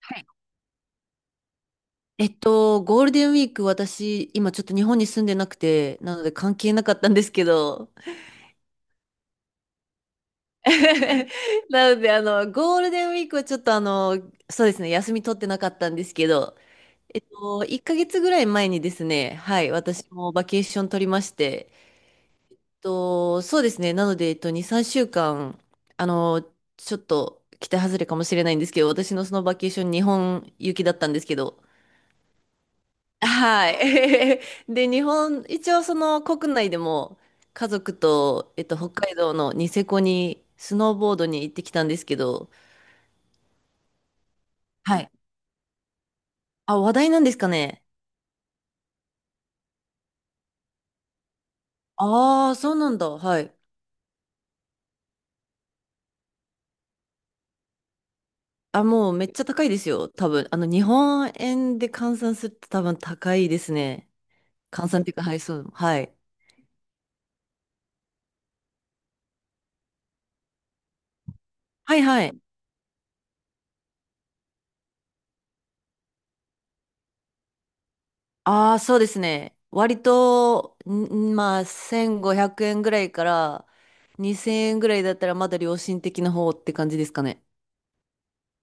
はい。ゴールデンウィーク、私、今ちょっと日本に住んでなくて、なので関係なかったんですけど、なので、ゴールデンウィークはちょっとそうですね、休み取ってなかったんですけど、1ヶ月ぐらい前にですね、はい、私もバケーション取りまして、そうですね、なので、2、3週間、あの、ちょっと期待外れかもしれないんですけど、私のそのバケーション、日本行きだったんですけど、はい。で、日本、一応その国内でも家族と、北海道のニセコにスノーボードに行ってきたんですけど、はい。あ、話題なんですかね。ああ、そうなんだ。はい。あ、もうめっちゃ高いですよ、多分。日本円で換算すると多分高いですね。換算っていうか、はい、そう。はい。はいはい。ああ、そうですね。割と、ん、まあ、1500円ぐらいから2000円ぐらいだったらまだ良心的な方って感じですかね。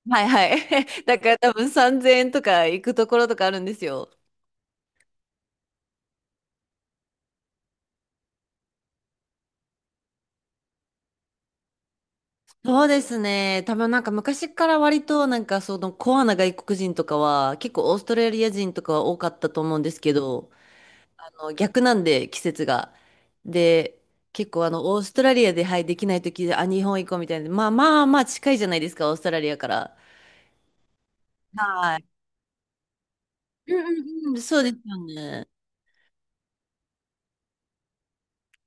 はいはい。だから多分3000円とか行くところとかあるんですよ。そうですね。多分なんか昔から割となんかそのコアな外国人とか、は結構オーストラリア人とかは多かったと思うんですけど、の逆なんで、季節が。で、結構オーストラリアで、はい、できない時で、あ、日本行こうみたいな。まあまあまあ近いじゃないですか、オーストラリアから。はい。うんうんうん、そうですよね。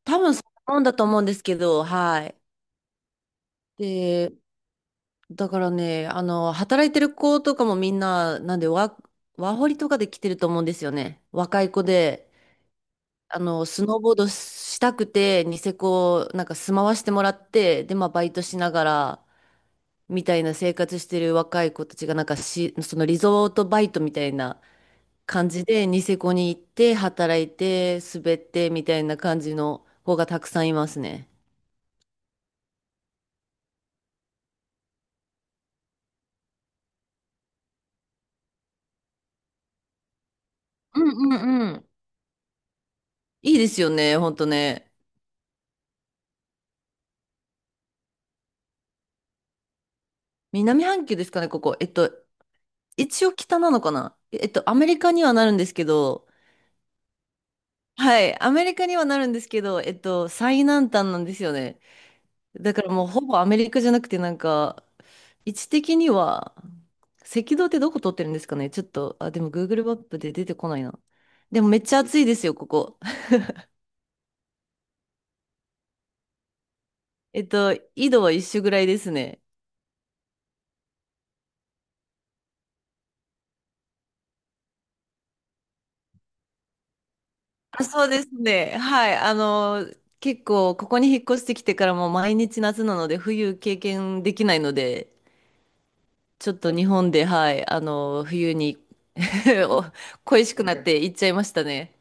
多分そんなもんだと思うんですけど、はい。で、だからね、働いてる子とかもみんな、なんでワ、ワーホリとかで来てると思うんですよね。若い子で、スノーボードしたくて、ニセコ、なんか住まわしてもらって、で、まあ、バイトしながら、みたいな生活してる若い子たちが、なんかし、そのリゾートバイトみたいな感じで、ニセコに行って、働いて、滑って、みたいな感じの子がたくさんいますね。うんうんうん。いいですよね、ほんとね。南半球ですかね、ここ。一応北なのかな、アメリカにはなるんですけど、はい、アメリカにはなるんですけど、最南端なんですよね。だからもうほぼアメリカじゃなくてなんか、位置的には、赤道ってどこ通ってるんですかね、ちょっと、あ、でも Google マップで出てこないな。でもめっちゃ暑いですよ、ここ。緯度は一緒ぐらいですね。あ、そうですね。はい。結構、ここに引っ越してきてからもう毎日夏なので、冬経験できないので、ちょっと日本で、はい、冬に お恋しくなって行っちゃいましたね。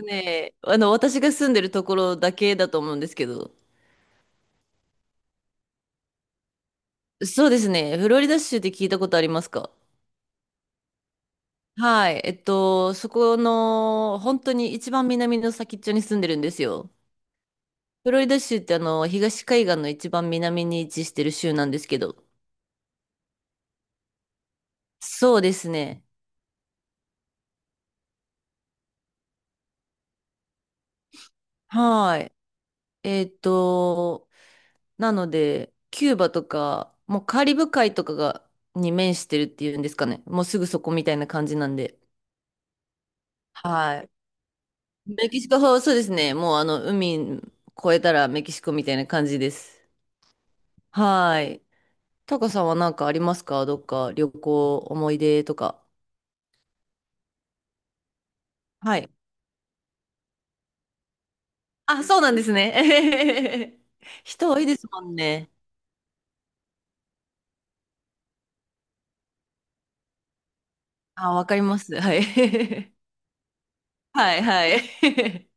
ね、私が住んでるところだけだと思うんですけど、そうですね。フロリダ州って聞いたことありますか？はい。そこの、本当に一番南の先っちょに住んでるんですよ。フロリダ州って東海岸の一番南に位置してる州なんですけど。そうですね。はい。えっと、なので、キューバとか、もうカリブ海とかが、に面してるっていうんですかね。もうすぐそこみたいな感じなんで。はい。メキシコ、そうですね。もう海越えたらメキシコみたいな感じです。はい。タカさんは何かありますか？どっか旅行、思い出とか。はい。あ、そうなんですね。えへへへ、人多いですもんね。あ、わかります。はい。はい、はい。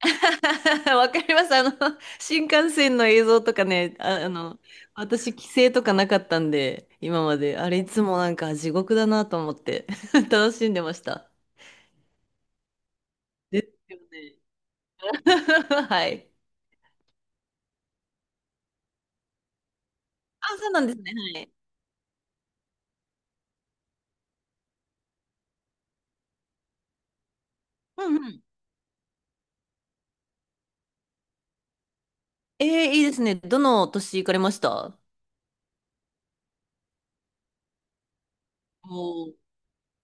わかります。新幹線の映像とかね、あ、私、帰省とかなかったんで、今まで。あれ、いつもなんか地獄だなと思って、楽しんでました。ですよね。はい。あ、そうなんですね。はい。うんうん。ええ、いいですね。どの年行かれました？おう、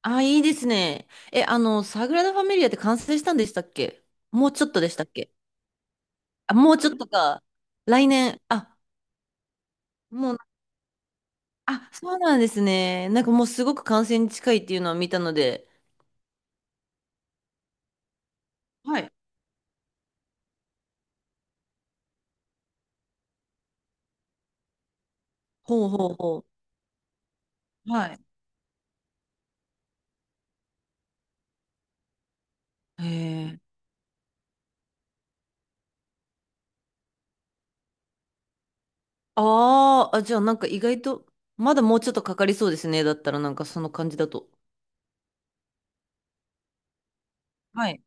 あ、いいですね。え、サグラダ・ファミリアって完成したんでしたっけ？もうちょっとでしたっけ？あ、もうちょっとか。来年。あ、もう、あ、そうなんですね。なんかもうすごく完成に近いっていうのは見たので。はい、ほうほうほう。はい。う。へえ。あーあ、じゃあなんか意外と、まだもうちょっとかかりそうですね。だったらなんかその感じだと。はい。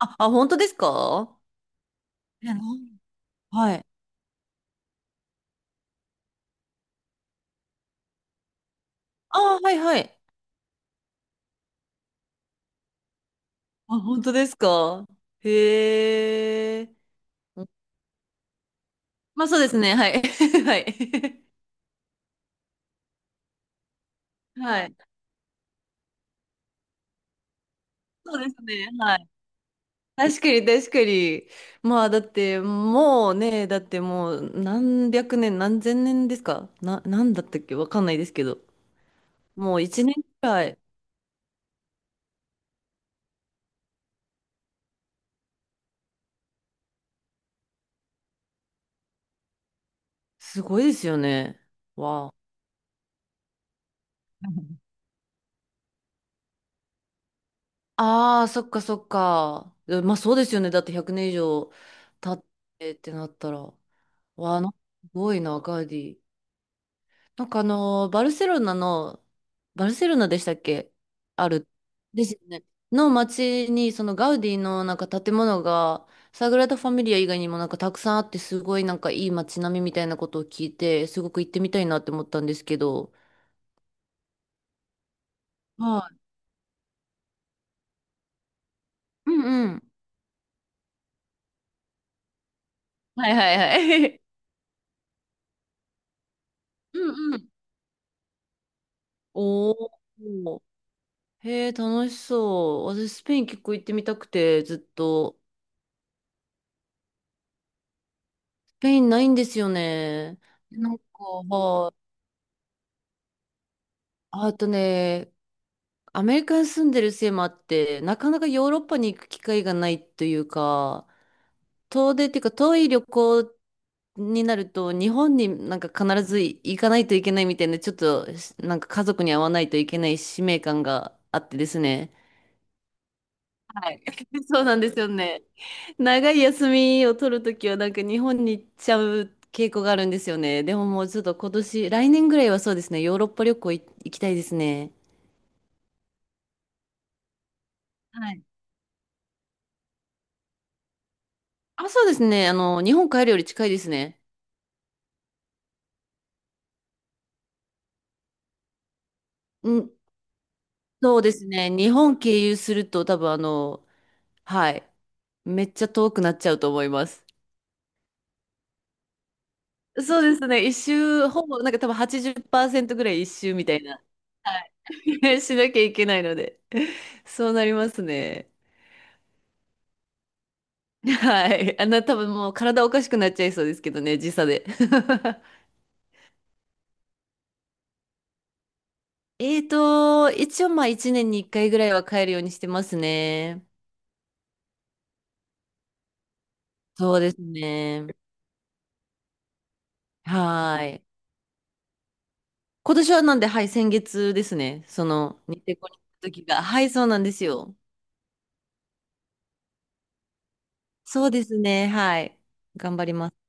あ、あ、本当ですか？え、なんはい。あー、はいはい。あ、本当ですか？へえ。まあそうですね。はい。はい。はい。そうですね。はい。確かに、確かに。まあだって、もうね、だってもう何百年、何千年ですかな、なんだったっけわかんないですけど。もう一年くらい。すごいですよね。わあ。ああ、そっかそっか。え、まあそうですよね。だって100年以上経ってってなったら。わあ、なんかすごいな、ガウディ。なんかあのー、バルセロナの、バルセロナでしたっけ？ある。ですよね。の街に、そのガウディのなんか建物が、サグラダ・ファミリア以外にもなんかたくさんあって、すごいなんかいい街並みみたいなことを聞いて、すごく行ってみたいなって思ったんですけど。はい。うんうん。はいはいはい。うんうん。おー。へえ、楽しそう。私、スペイン結構行ってみたくて、ずっと。スペインないんですよね。なんか、はい。あとね、アメリカに住んでるせいもあって、なかなかヨーロッパに行く機会がないというか、遠出っていうか遠い旅行になると、日本になんか必ず行かないといけないみたいな、ちょっとなんか家族に会わないといけない使命感があってですね。はい。そうなんですよね。長い休みを取るときはなんか日本に行っちゃう傾向があるんですよね。でももうちょっと今年、来年ぐらいはそうですね、ヨーロッパ旅行行きたいですね。はい。あ、そうですね。日本帰るより近いですね。うん、そうですね。日本経由すると多分はい、めっちゃ遠くなっちゃうと思います。そうですね。一周、ほぼ、なんか多分80%ぐらい一周みたいな。はい。しなきゃいけないので。そうなりますね。はい。あんな多分もう体おかしくなっちゃいそうですけどね、時差で。一応まあ1年に1回ぐらいは帰るようにしてますね。そうですね。はい。今年はなんで、はい、先月ですね。その、ニセコに行った時が。はい、そうなんですよ。そうですね。はい。頑張ります。